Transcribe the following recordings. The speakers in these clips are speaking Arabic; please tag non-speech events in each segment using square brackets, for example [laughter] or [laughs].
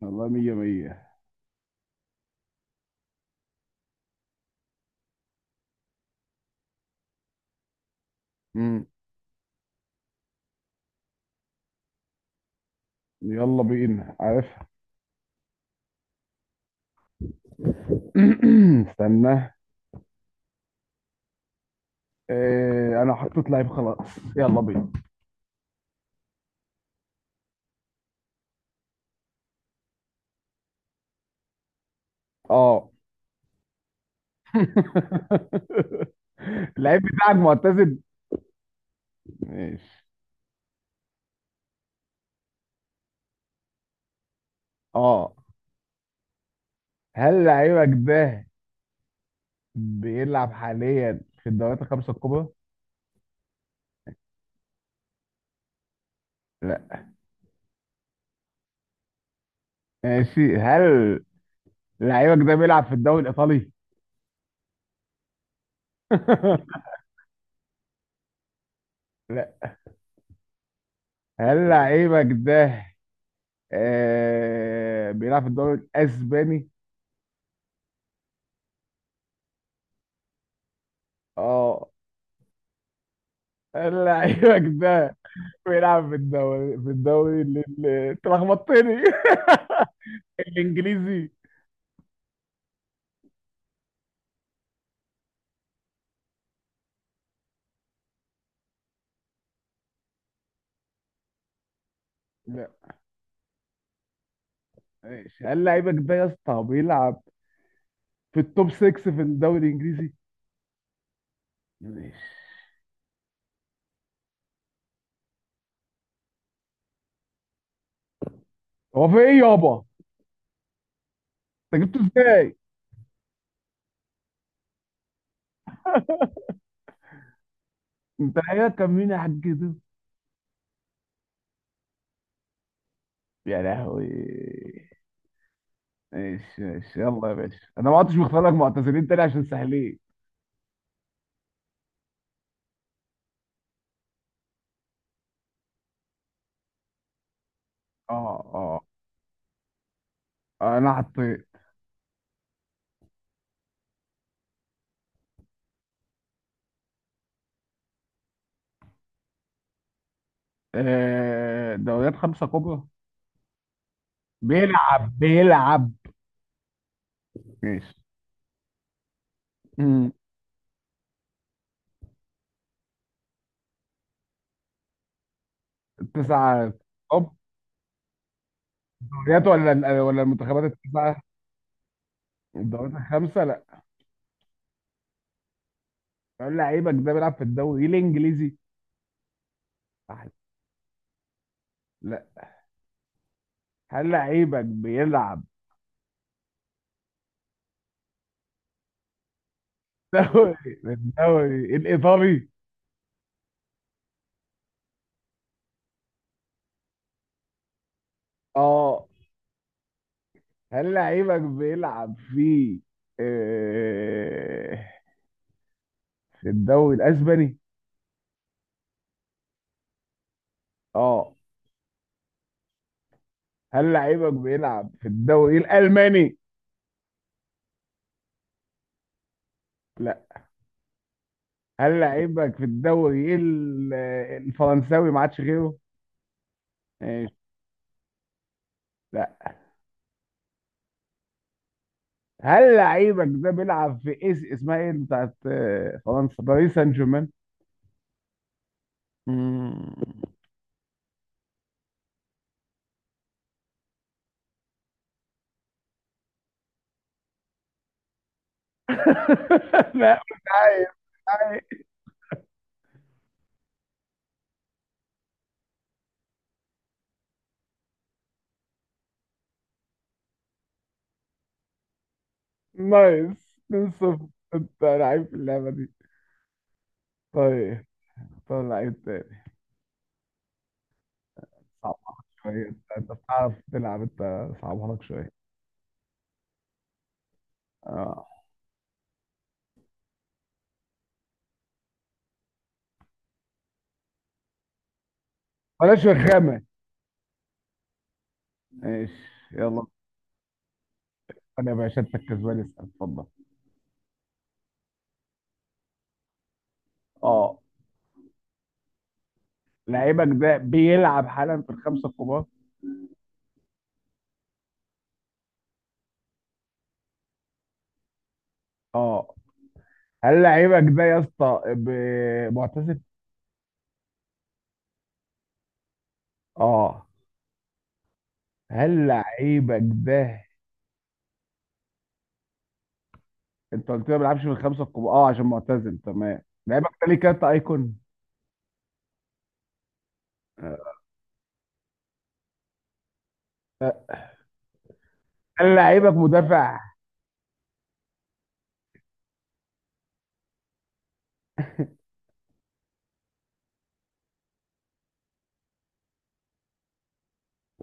والله مية مية. مم. يلا بينا عارف. [clears throat] استنى. إيه، انا حطيت لعيب خلاص، يلا بينا. اه. [laughs] اللعيب بتاعك معتزل؟ ماشي. اه. هل لعيبك ده بيلعب حاليا في الدوريات الخمسة الكبرى؟ لا. ماشي. هل لعيبك ده بيلعب في الدوري الإيطالي؟ [laughs] لا. هل لعيبك ده بيلعب في الدوري الإسباني؟ اه. لعيبك ده بيلعب في الدوري انت لخبطتني. [laughs] الانجليزي. لا. ماشي. هل لعيبك ده يا اسطى بيلعب في التوب 6 في الدوري الانجليزي؟ ماشي. هو في ايه يابا؟ انت جبته ازاي؟ انت لعيبك كان مين يا حاج كده؟ يا لهوي. ماشي ماشي. يلا يا باشا، انا ما عدتش مختار لك معتزلين تاني عشان سهلين. اه اه، انا حطيت. دوريات خمسة كبرى. بيلعب. ماشي. امم التسعة. اوب. دوريات، ولا المنتخبات التسعة؟ الدوريات الخمسة، لا. هل لعيبك ده بيلعب في الدوري الانجليزي؟ أحد. لا. هل لعيبك بيلعب دوري الدوري الايطالي؟ اه. هل لعيبك بيلعب في آه، في الدوري الاسباني؟ اه. هل لعيبك بيلعب في الدوري الالماني؟ لا. هل لعيبك في الدوري الفرنساوي؟ ما عادش غيره. ماشي. لا. هل لعيبك ده بيلعب في ايس اسمها ايه، اللي بتاعت فرنسا، باريس سان جيرمان؟ [laughs] مم. لا مش عايز. عايز. نايس من صفر. انت لعيب في اللعبه دي. طيب. طب لعيب تاني، صعبها لك شويه. انت أنت بتعرف تلعب انت، صعبها لك شويه. اه. بلاش رخامه. ماشي. يلا. انا يا باشا انت الكسبان، اسال اتفضل. اه. لعيبك ده بيلعب حالا في الخمسه الكبار؟ اه. هل لعيبك ده يا اسطى ب- معتزل؟ اه. هل لعيبك ده؟ انت قلت لي ما بيلعبش من الخمسه الكبار، اه عشان معتزل، تمام. لعيبك ده ليه كارت ايكون؟ آه. هل لعيبك مدافع؟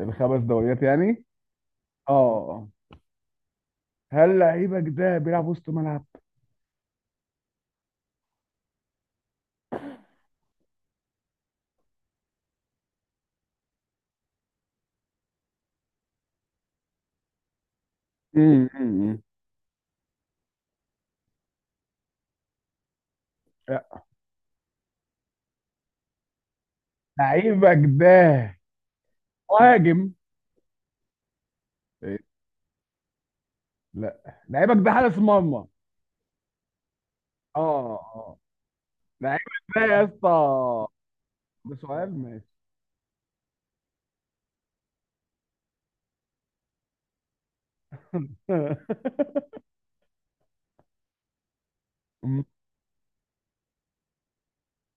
الخمس دوريات يعني؟ اه. هل لعيبك ده بيلعب وسط ملعب؟ مم، مم، مم. لا. لعيبك ده مهاجم؟ إيه؟ لا، لعيبك ده حارس مرمى. اه اه. لعيبك ده يا اسطى، ده سؤال ماشي. [laughs]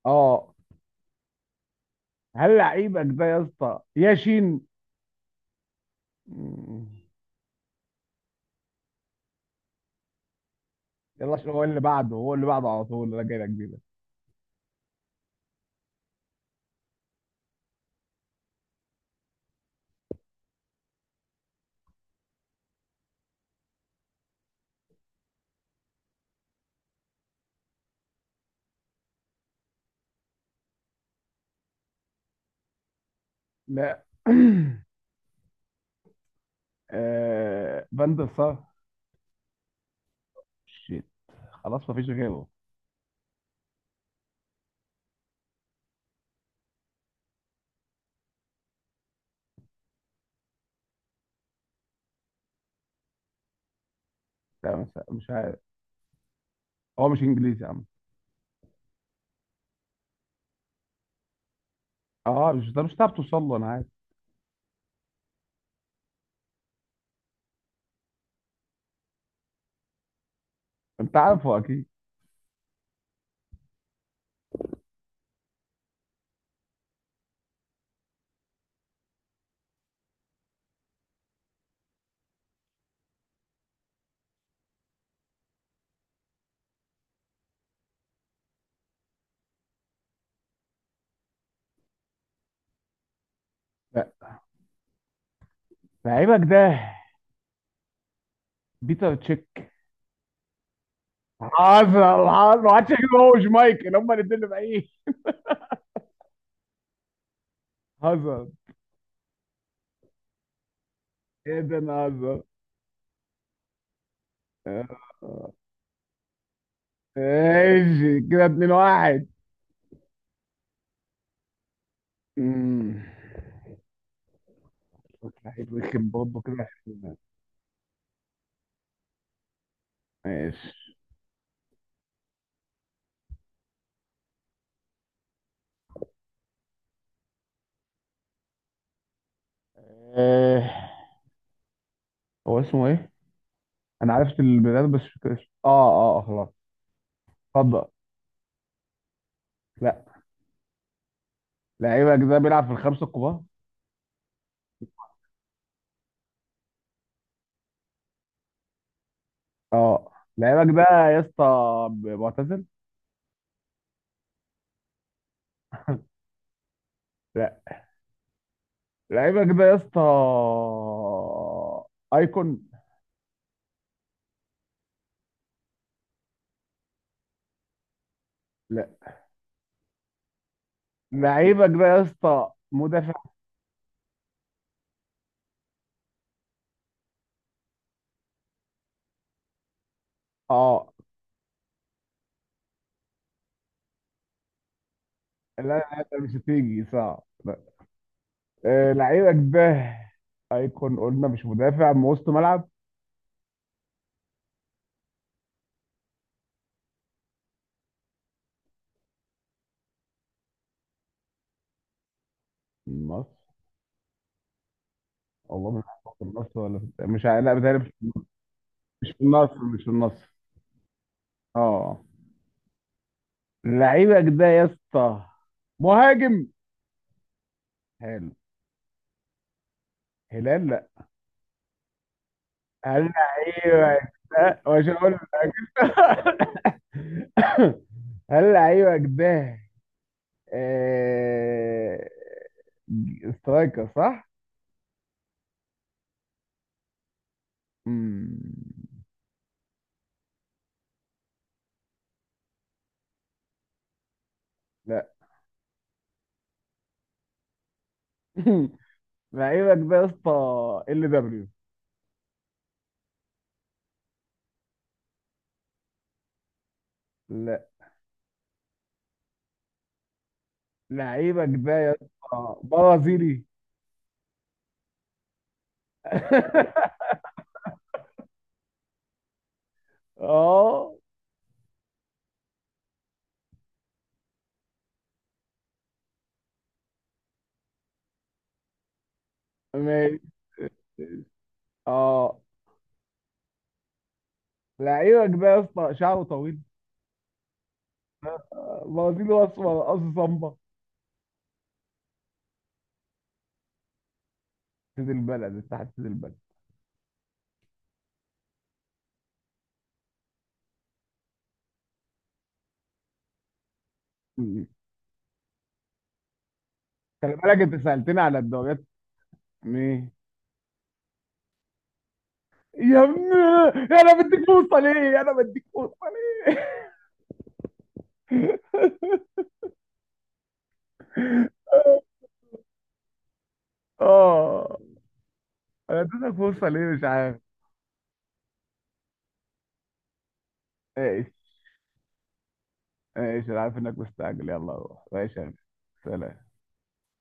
اه. هل لعيبك ده يا اسطى ياشين؟ مم. يلا، عشان هو اللي بعده، هو اللي بعده، على طول انا جاي لك بيه ده. لا. [clears throat] فان دير سار؟ شيت. خلاص مفيش غيره. لا، مش عارف. هو مش انجليزي يا عم. اه، مش ده، مش هتعرف توصل له، انا عارف. انت عارفه اكيد. لا. لعيبك ده بيتر تشيك؟ هازارد، هازارد ما عادش يجيب، هو وشمايكل هما الاثنين اللي بعيد. هازارد. ايه ده، انا هازارد. آه. ايش كده 2 1. واحد ويكن بابا كده عشان- ماشي. آه، هو اسمه ايه؟ انا عرفت البلاد بس مش فاكر اسمه. اه اه خلاص. اتفضل. لا. لعيبك ده بيلعب في الخمسة الكبار؟ اه. لعيبك ده يا اسطى معتزل؟ لا. لعيبك ده يا اسطى ايكون؟ لا. لعيبك ده يا اسطى مدافع؟ اه. لا لا لا، مش هتيجي صعب، لا. آه، لعيبك ده ايكون، قلنا مش مدافع من وسط ملعب؟ مص. والله مش عارف، في النصر ولا في... مش ع- لا، بتهيألي مش، مش في النصر، مش في النصر. اه. لعيبك ده يا اسطى مهاجم؟ حلو. هلال، لا. هل لعيبك ده، مش هقول لك. [laughs] هل لعيبك ده آه... سترايكر صح؟ مم... لا. [laughs] لعيبك ده يا اسطى ال دبليو؟ لا. لعيبك ده يا اسطى برازيلي؟ [laughs] اه. ماشي. اه. لعيبك بقى يا اسطى شعره طويل، بوازينه، اسمر، رقاصه صمبا، سيد البلد، انت حاسس سيد البلد. مم. خلي بالك، انت سالتني على الدوريات. ايه؟ يا ابني، انا بديك فرصه ليه، انا بديك فرصه ليه؟ [laughs] اه. انا اديتك فرصه ليه مش عارف. ايش؟ ايش؟ انا عارف انك مستعجل، يلا روح ماشي يا غالي. سلام.